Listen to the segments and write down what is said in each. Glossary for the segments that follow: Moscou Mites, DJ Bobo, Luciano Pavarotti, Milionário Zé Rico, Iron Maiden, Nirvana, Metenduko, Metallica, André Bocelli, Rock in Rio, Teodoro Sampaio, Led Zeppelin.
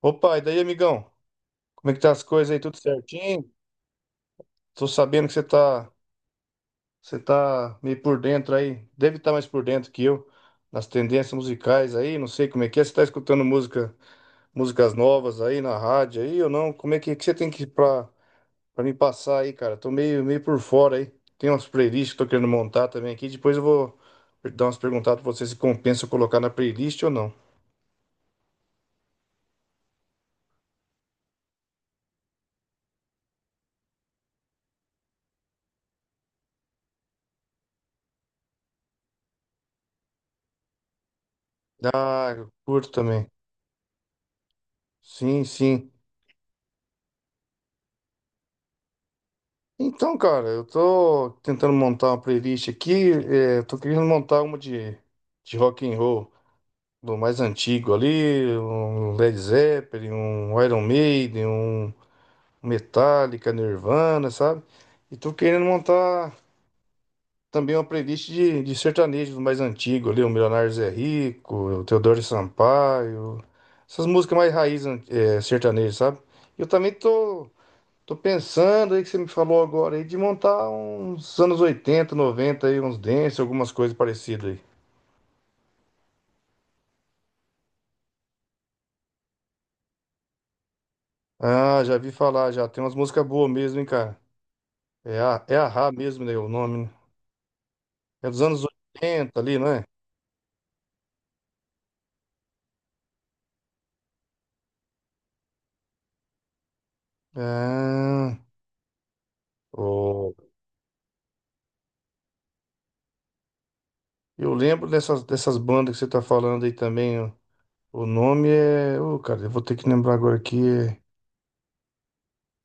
Opa, e daí, amigão? Como é que tá as coisas aí? Tudo certinho? Tô sabendo que você tá meio por dentro aí. Deve estar mais por dentro que eu nas tendências musicais aí, não sei como é que é. Você tá escutando música, músicas novas aí na rádio aí ou não? Como é que você tem que para me passar aí, cara? Tô meio por fora aí. Tem umas playlists que eu tô querendo montar também aqui. Depois eu vou dar umas perguntadas pra você se compensa eu colocar na playlist ou não. Ah, eu curto também. Sim, sim. Então, cara, eu tô tentando montar uma playlist aqui, tô querendo montar uma de rock and roll, do mais antigo ali, um Led Zeppelin, um Iron Maiden, um Metallica, Nirvana, sabe? E tô querendo montar também uma playlist de sertanejo do mais antigo ali, o Milionário Zé Rico, o Teodoro Sampaio, essas músicas mais raiz, sertanejo, sabe? Eu também tô Tô pensando aí que você me falou agora aí de montar uns anos 80, 90 aí, uns dance, algumas coisas parecidas aí. Ah, já vi falar já. Tem umas músicas boas mesmo, hein, cara? É a Rá mesmo, né? O nome, né? É dos anos oitenta ali, não é? Ah, ô, eu lembro dessas bandas que você tá falando aí também. Ó. O nome é. Ô, cara, eu vou ter que lembrar agora aqui. É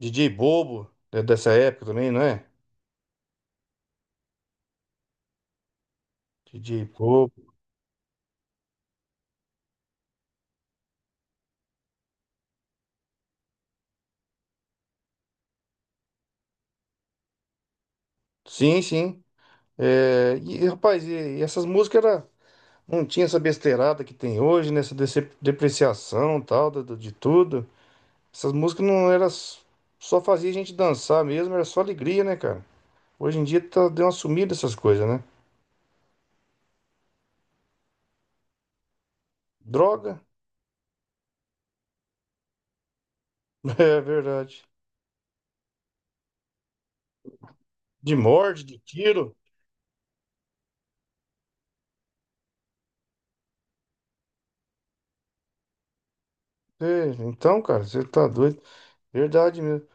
DJ Bobo, é dessa época também, não é? DJ Bobo. Sim, sim. É, e, rapaz, e essas músicas era. Não tinha essa besteirada que tem hoje, né? Essa depreciação tal, de tudo. Essas músicas não só fazia a gente dançar mesmo, era só alegria, né, cara? Hoje em dia tá, deu uma sumida essas coisas, né? Droga, é verdade. De morte, de tiro. É, então, cara, você tá doido. Verdade mesmo.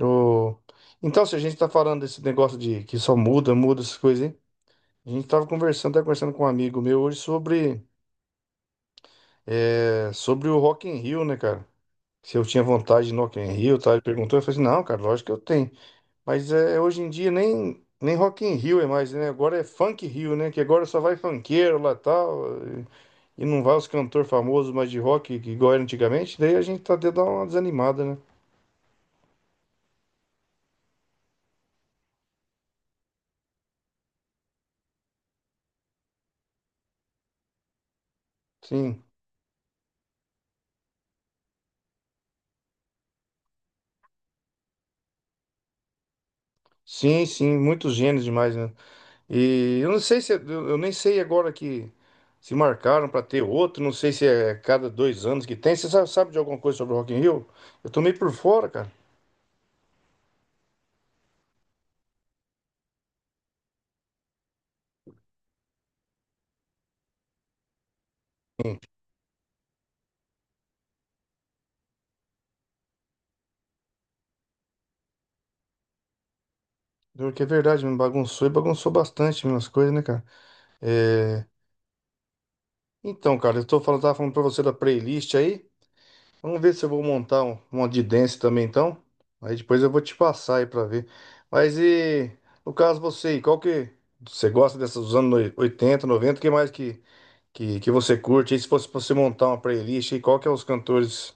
O- Então, se a gente tá falando desse negócio de que só muda, muda essas coisas, hein? A gente tava conversando com um amigo meu hoje sobre, sobre o Rock in Rio, né, cara? Se eu tinha vontade de ir no Rock in Rio, tá? Ele perguntou, eu falei assim, não, cara, lógico que eu tenho. Mas é, hoje em dia nem Rock in Rio é mais, né? Agora é Funk Rio, né? Que agora só vai funkeiro lá tal, e não vai os cantores famosos mais de rock, que igual era antigamente, daí a gente tá de dar uma desanimada, né? Sim. Sim, sim, muitos gênios demais, né? E eu não sei se, eu eu nem sei agora que se marcaram pra ter outro, não sei se é cada dois anos que tem. Você sabe, sabe de alguma coisa sobre o Rock in Rio? Eu tô meio por fora, cara. Pior que é verdade, me bagunçou e bagunçou bastante minhas coisas, né, cara? É, então, cara, eu tô falando, tava falando pra você da playlist aí. Vamos ver se eu vou montar uma de dance também, então. Aí depois eu vou te passar aí pra ver. Mas e, no caso você, aí, qual que... Você gosta dessas dos anos 80 90 o que mais que você curte? E se fosse pra você montar uma playlist, aí, qual que é os cantores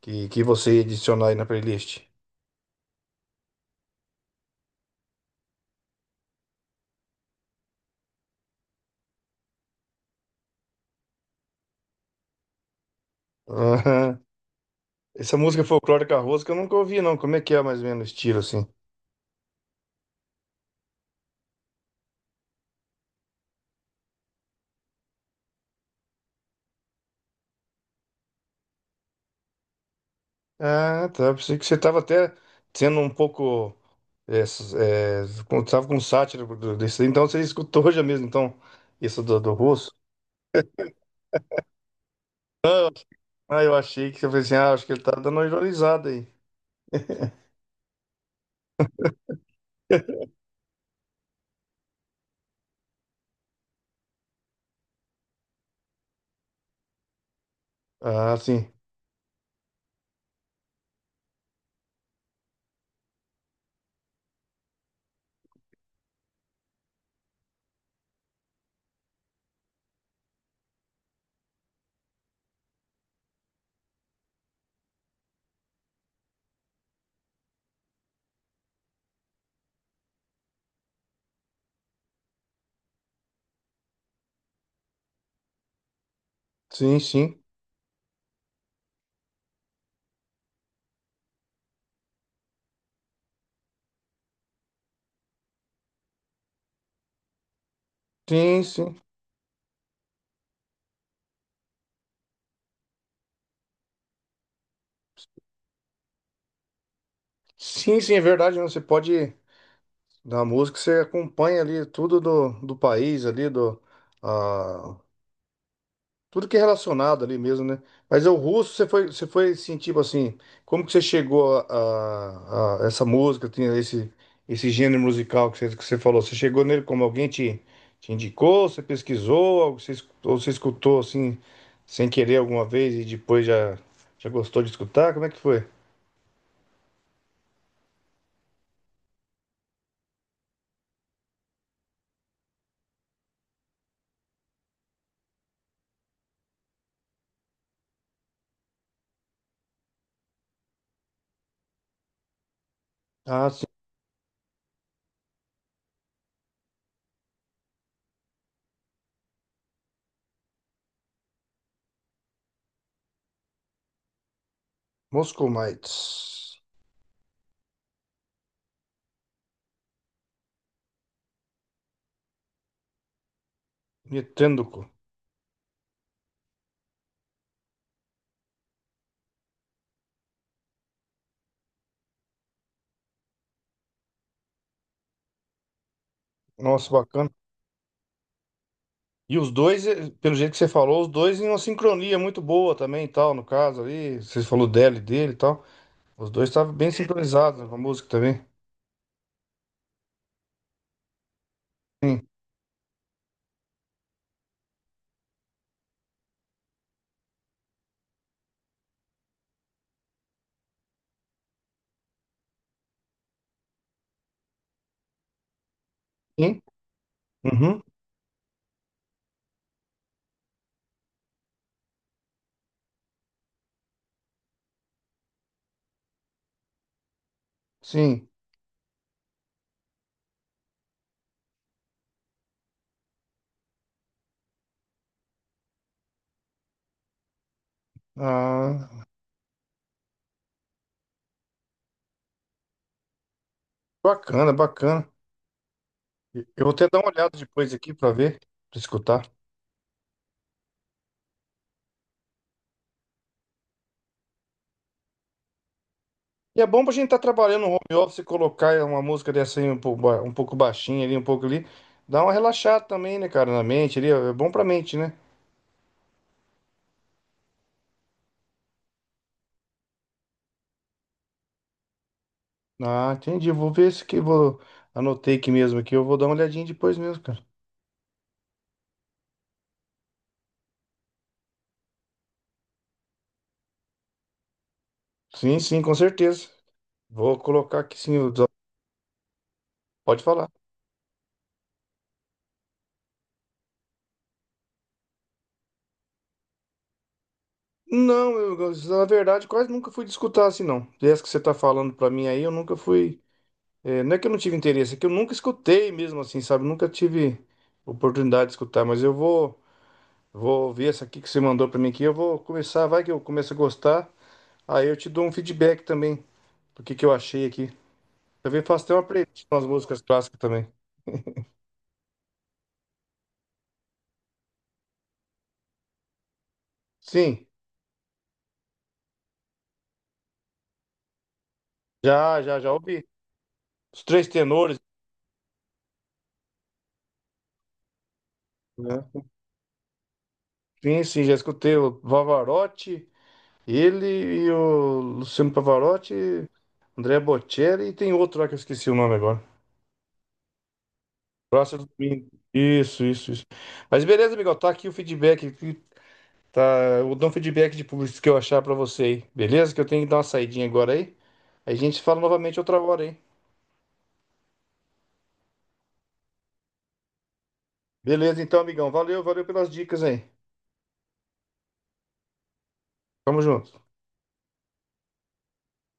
que você ia adicionar aí na playlist? Aham. Essa música folclórica russa que eu nunca ouvi, não. Como é que é mais ou menos o estilo, assim? Ah, tá. Pensei que você estava até sendo um pouco. É, s- é, tava com sátira desse. Então você escutou já mesmo, então, isso do russo. Ah, eu achei que você falou assim, ah, acho que ele tá dando uma ironizada aí. Ah, sim. Sim, sim. Sim, sim. Sim, sim, é verdade, né? Você pode, na música, você acompanha ali tudo do país ali, do. Tudo que é relacionado ali mesmo, né? Mas é o russo, você foi assim, tipo assim, como que você chegou a essa música, tinha esse, esse gênero musical que você falou? Você chegou nele como alguém te indicou, você pesquisou, ou você, escu- ou você escutou assim, sem querer alguma vez e depois já gostou de escutar? Como é que foi? Ah, sim. Moscou Mites. Metenduko. Nossa, bacana. E os dois, pelo jeito que você falou, os dois em uma sincronia muito boa também, e tal, no caso ali, você falou dela e dele e tal. Os dois estavam bem sincronizados, né, com a música também. Sim. Sim. Uhum. Sim. Ah, bacana, bacana. Eu vou até dar uma olhada depois aqui pra ver, pra escutar. E é bom pra gente estar trabalhando no home office e colocar uma música dessa aí um pouco, um pouco baixinha ali, um pouco ali. Dá uma relaxada também, né, cara, na mente ali. É bom pra mente, né? Ah, entendi. Eu vou ver se que vou. Anotei aqui mesmo aqui. Eu vou dar uma olhadinha depois mesmo, cara. Sim, sim, com certeza. Vou colocar aqui sim. O desa- Pode falar. Não, eu, na verdade, quase nunca fui de escutar assim, não. Dessa que você tá falando pra mim aí, eu nunca fui. É, não é que eu não tive interesse, é que eu nunca escutei mesmo assim, sabe? Nunca tive oportunidade de escutar, mas vou ver essa aqui que você mandou pra mim aqui. Eu vou começar, vai que eu começo a gostar. Aí eu te dou um feedback também do que eu achei aqui. Também faço até uma playlist com as músicas clássicas também. Sim, já ouvi. Os três tenores, né? Sim, sim, já escutei o Pavarotti, ele e o Luciano Pavarotti, André Bocelli e tem outro lá que eu esqueci o nome agora. Próximo domingo. Isso, isso, isso. Mas beleza, amigão, tá aqui o feedback. Aqui, tá, eu dou um feedback de público que eu achar pra você aí. Beleza? Que eu tenho que dar uma saidinha agora aí. Aí a gente fala novamente outra hora, hein? Beleza, então, amigão. Valeu, valeu pelas dicas aí. Tamo junto.